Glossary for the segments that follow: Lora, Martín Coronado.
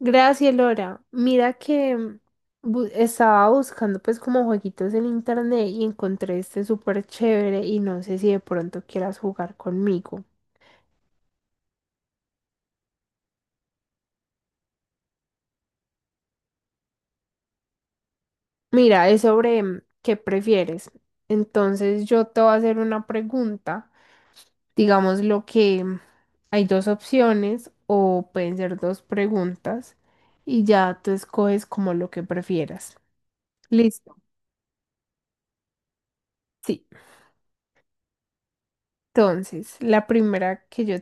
Gracias, Lora. Mira que estaba buscando pues como jueguitos en internet y encontré este súper chévere y no sé si de pronto quieras jugar conmigo. Mira, es sobre qué prefieres. Entonces yo te voy a hacer una pregunta. Digamos lo que hay dos opciones o pueden ser dos preguntas y ya tú escoges como lo que prefieras. Listo. Sí. Entonces, la primera que yo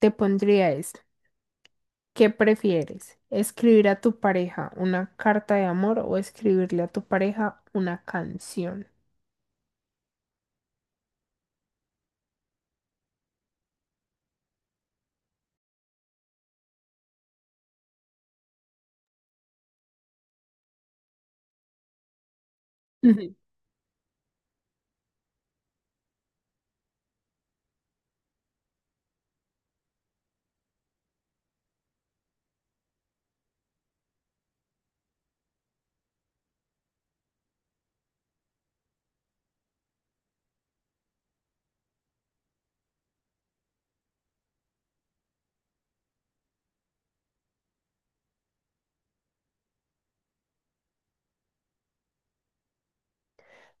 te pondría es... ¿Qué prefieres? ¿Escribir a tu pareja una carta de amor o escribirle a tu pareja una canción? Ujú.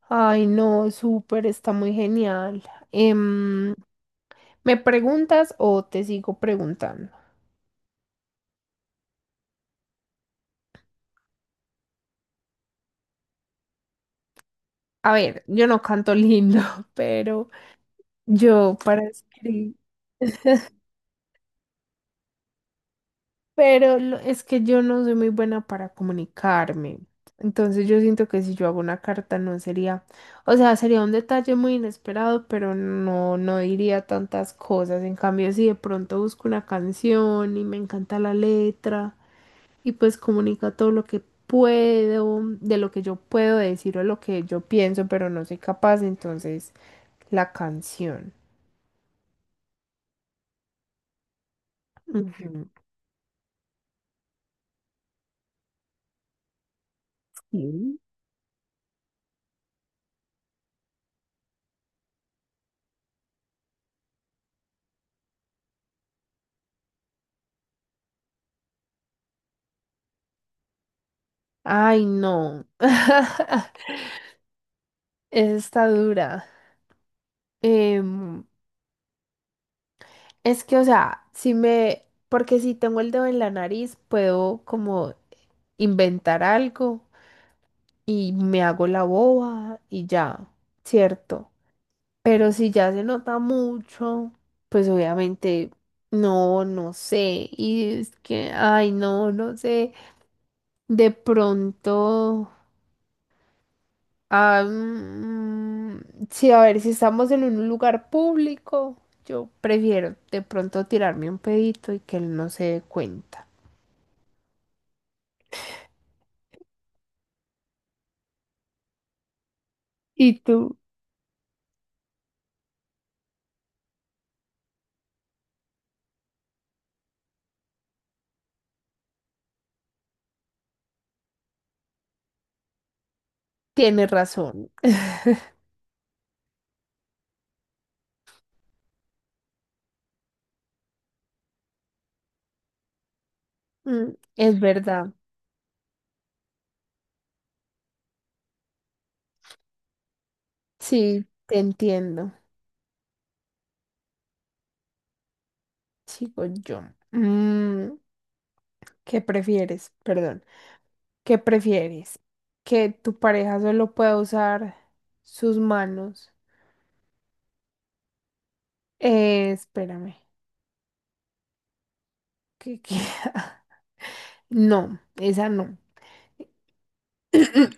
Ay, no, súper, está muy genial. Em, ¿Me preguntas o te sigo preguntando? A ver, yo no canto lindo, pero yo para escribir... Es que yo no soy muy buena para comunicarme. Entonces yo siento que si yo hago una carta no sería, o sea, sería un detalle muy inesperado, pero no, no diría tantas cosas. En cambio, si de pronto busco una canción y me encanta la letra y pues comunica todo lo que puedo, de lo que yo puedo decir o lo que yo pienso, pero no soy capaz, entonces la canción. Ujú. Sí. Ay, no. Esa está dura. Em, es que, o sea, si me, porque si tengo el dedo en la nariz, puedo como inventar algo y me hago la boba y ya, ¿cierto? Pero si ya se nota mucho, pues obviamente no, no sé. Y es que, ay, no, no sé. De pronto. Ah, mm, sí, a ver, si estamos en un lugar público, yo prefiero de pronto tirarme un pedito y que él no se dé cuenta. Y tú, tienes razón. Mm, es verdad. Sí, te entiendo. Sigo yo. Mm, ¿Qué prefieres? Perdón. ¿Qué prefieres? ¿Que tu pareja solo pueda usar sus manos? Espérame. ¿Qué, qué? No, esa no.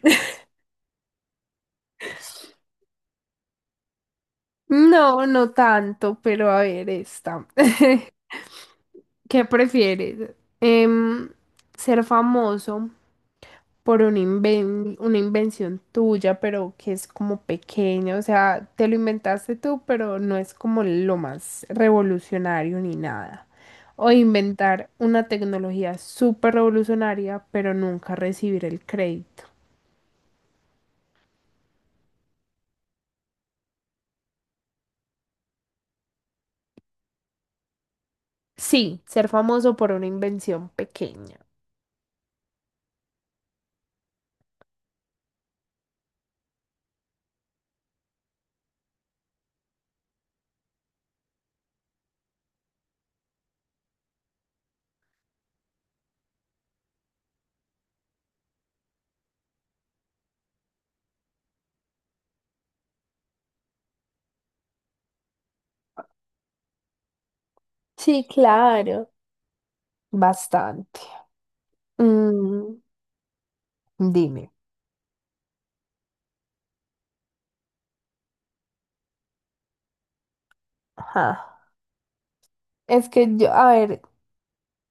No, no tanto, pero a ver esta. ¿Qué prefieres? Em, ser famoso una invención tuya, pero que es como pequeña, o sea, te lo inventaste tú, pero no es como lo más revolucionario ni nada. O inventar una tecnología súper revolucionaria, pero nunca recibir el crédito. Sí, ser famoso por una invención pequeña. Sí, claro. Bastante. Mm. Dime. Ajá. Es que yo, a ver,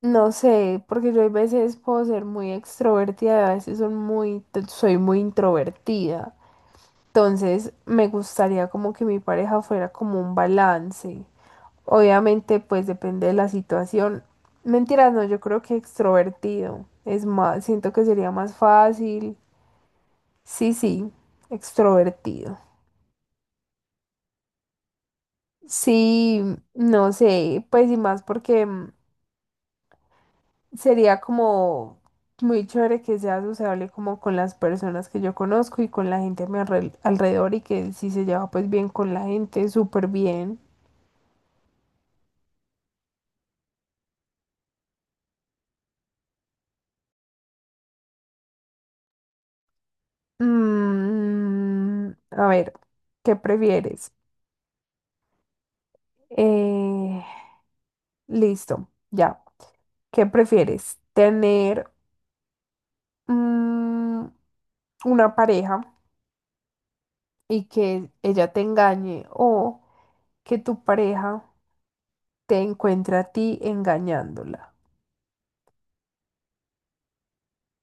no sé, porque yo a veces puedo ser muy extrovertida y a veces son muy, soy muy introvertida. Entonces, me gustaría como que mi pareja fuera como un balance. Obviamente, pues depende de la situación. Mentiras, no, yo creo que extrovertido. Es más, siento que sería más fácil. Sí, sí, extrovertido. Sí, no sé, pues y más porque sería como muy chévere que sea sociable como con las personas que yo conozco y con la gente a mi alrededor y que si se lleva pues bien con la gente, súper bien. A ver, ¿qué prefieres? Eh, listo, ya. ¿Qué prefieres? ¿Tener mm, una pareja y que ella te engañe o que tu pareja te encuentre a ti engañándola?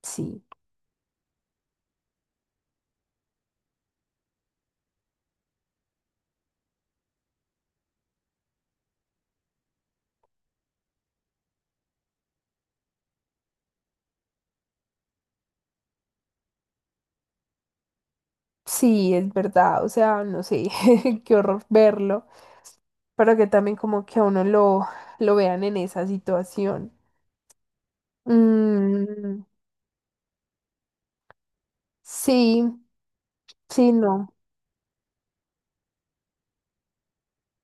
Sí. Sí, es verdad, o sea, no sé, qué horror verlo, pero que también como que a uno lo vean en esa situación. Mm, sí, sí, no.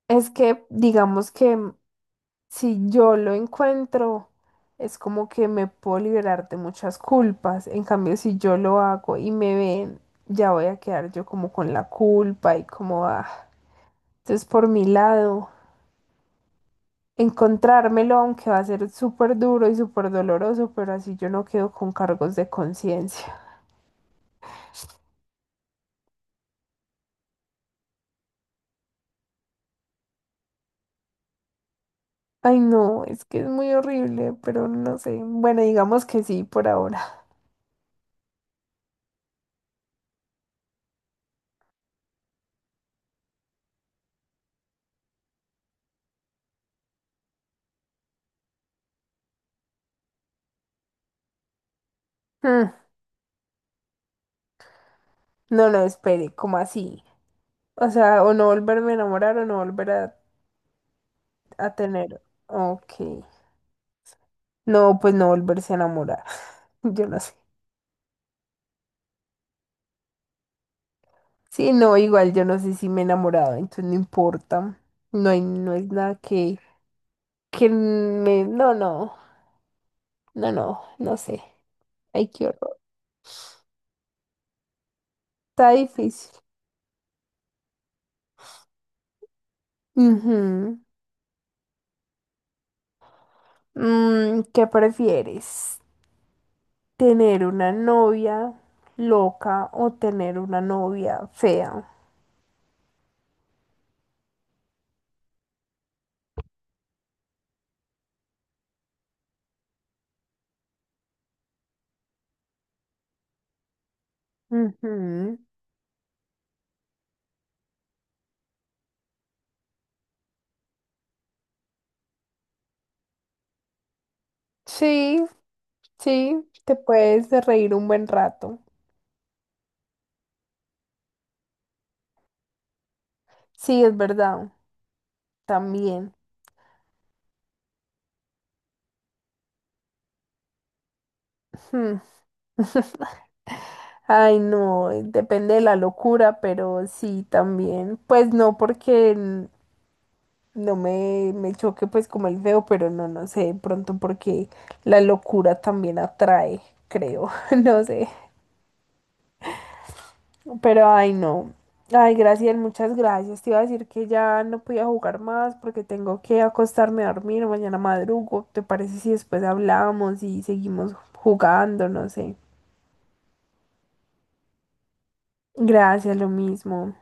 Es que digamos que si yo lo encuentro, es como que me puedo liberar de muchas culpas. En cambio, si yo lo hago y me ven, ya voy a quedar yo como con la culpa y como, ah. Entonces, por mi lado, encontrármelo, aunque va a ser súper duro y súper doloroso, pero así yo no quedo con cargos de conciencia. Ay, no, es que es muy horrible, pero no sé. Bueno, digamos que sí por ahora. Mm, no, no, espere, ¿cómo así? O sea, o no volverme a enamorar o no volver a tener. Ok. No, pues no volverse a enamorar. Yo no sé. Sí, no, igual yo no sé si me he enamorado, entonces no importa. No hay, no es nada que, que me. No, no, no, no, no sé. Ay, qué horror. Está difícil. Ujú. ¿Qué prefieres? ¿Tener una novia loca o tener una novia fea? Ujú. Sí, sí, te puedes de reír un buen rato. Sí, es verdad, también. Hmm. Ay, no, depende de la locura, pero sí, también. Pues no, porque no me, me choque pues como el feo, pero no, no sé, de pronto porque la locura también atrae, creo, no sé. Pero ay, no. Ay, gracias, muchas gracias. Te iba a decir que ya no podía jugar más porque tengo que acostarme a dormir, mañana madrugo. ¿Te parece si después hablamos y seguimos jugando? No sé. Gracias, lo mismo.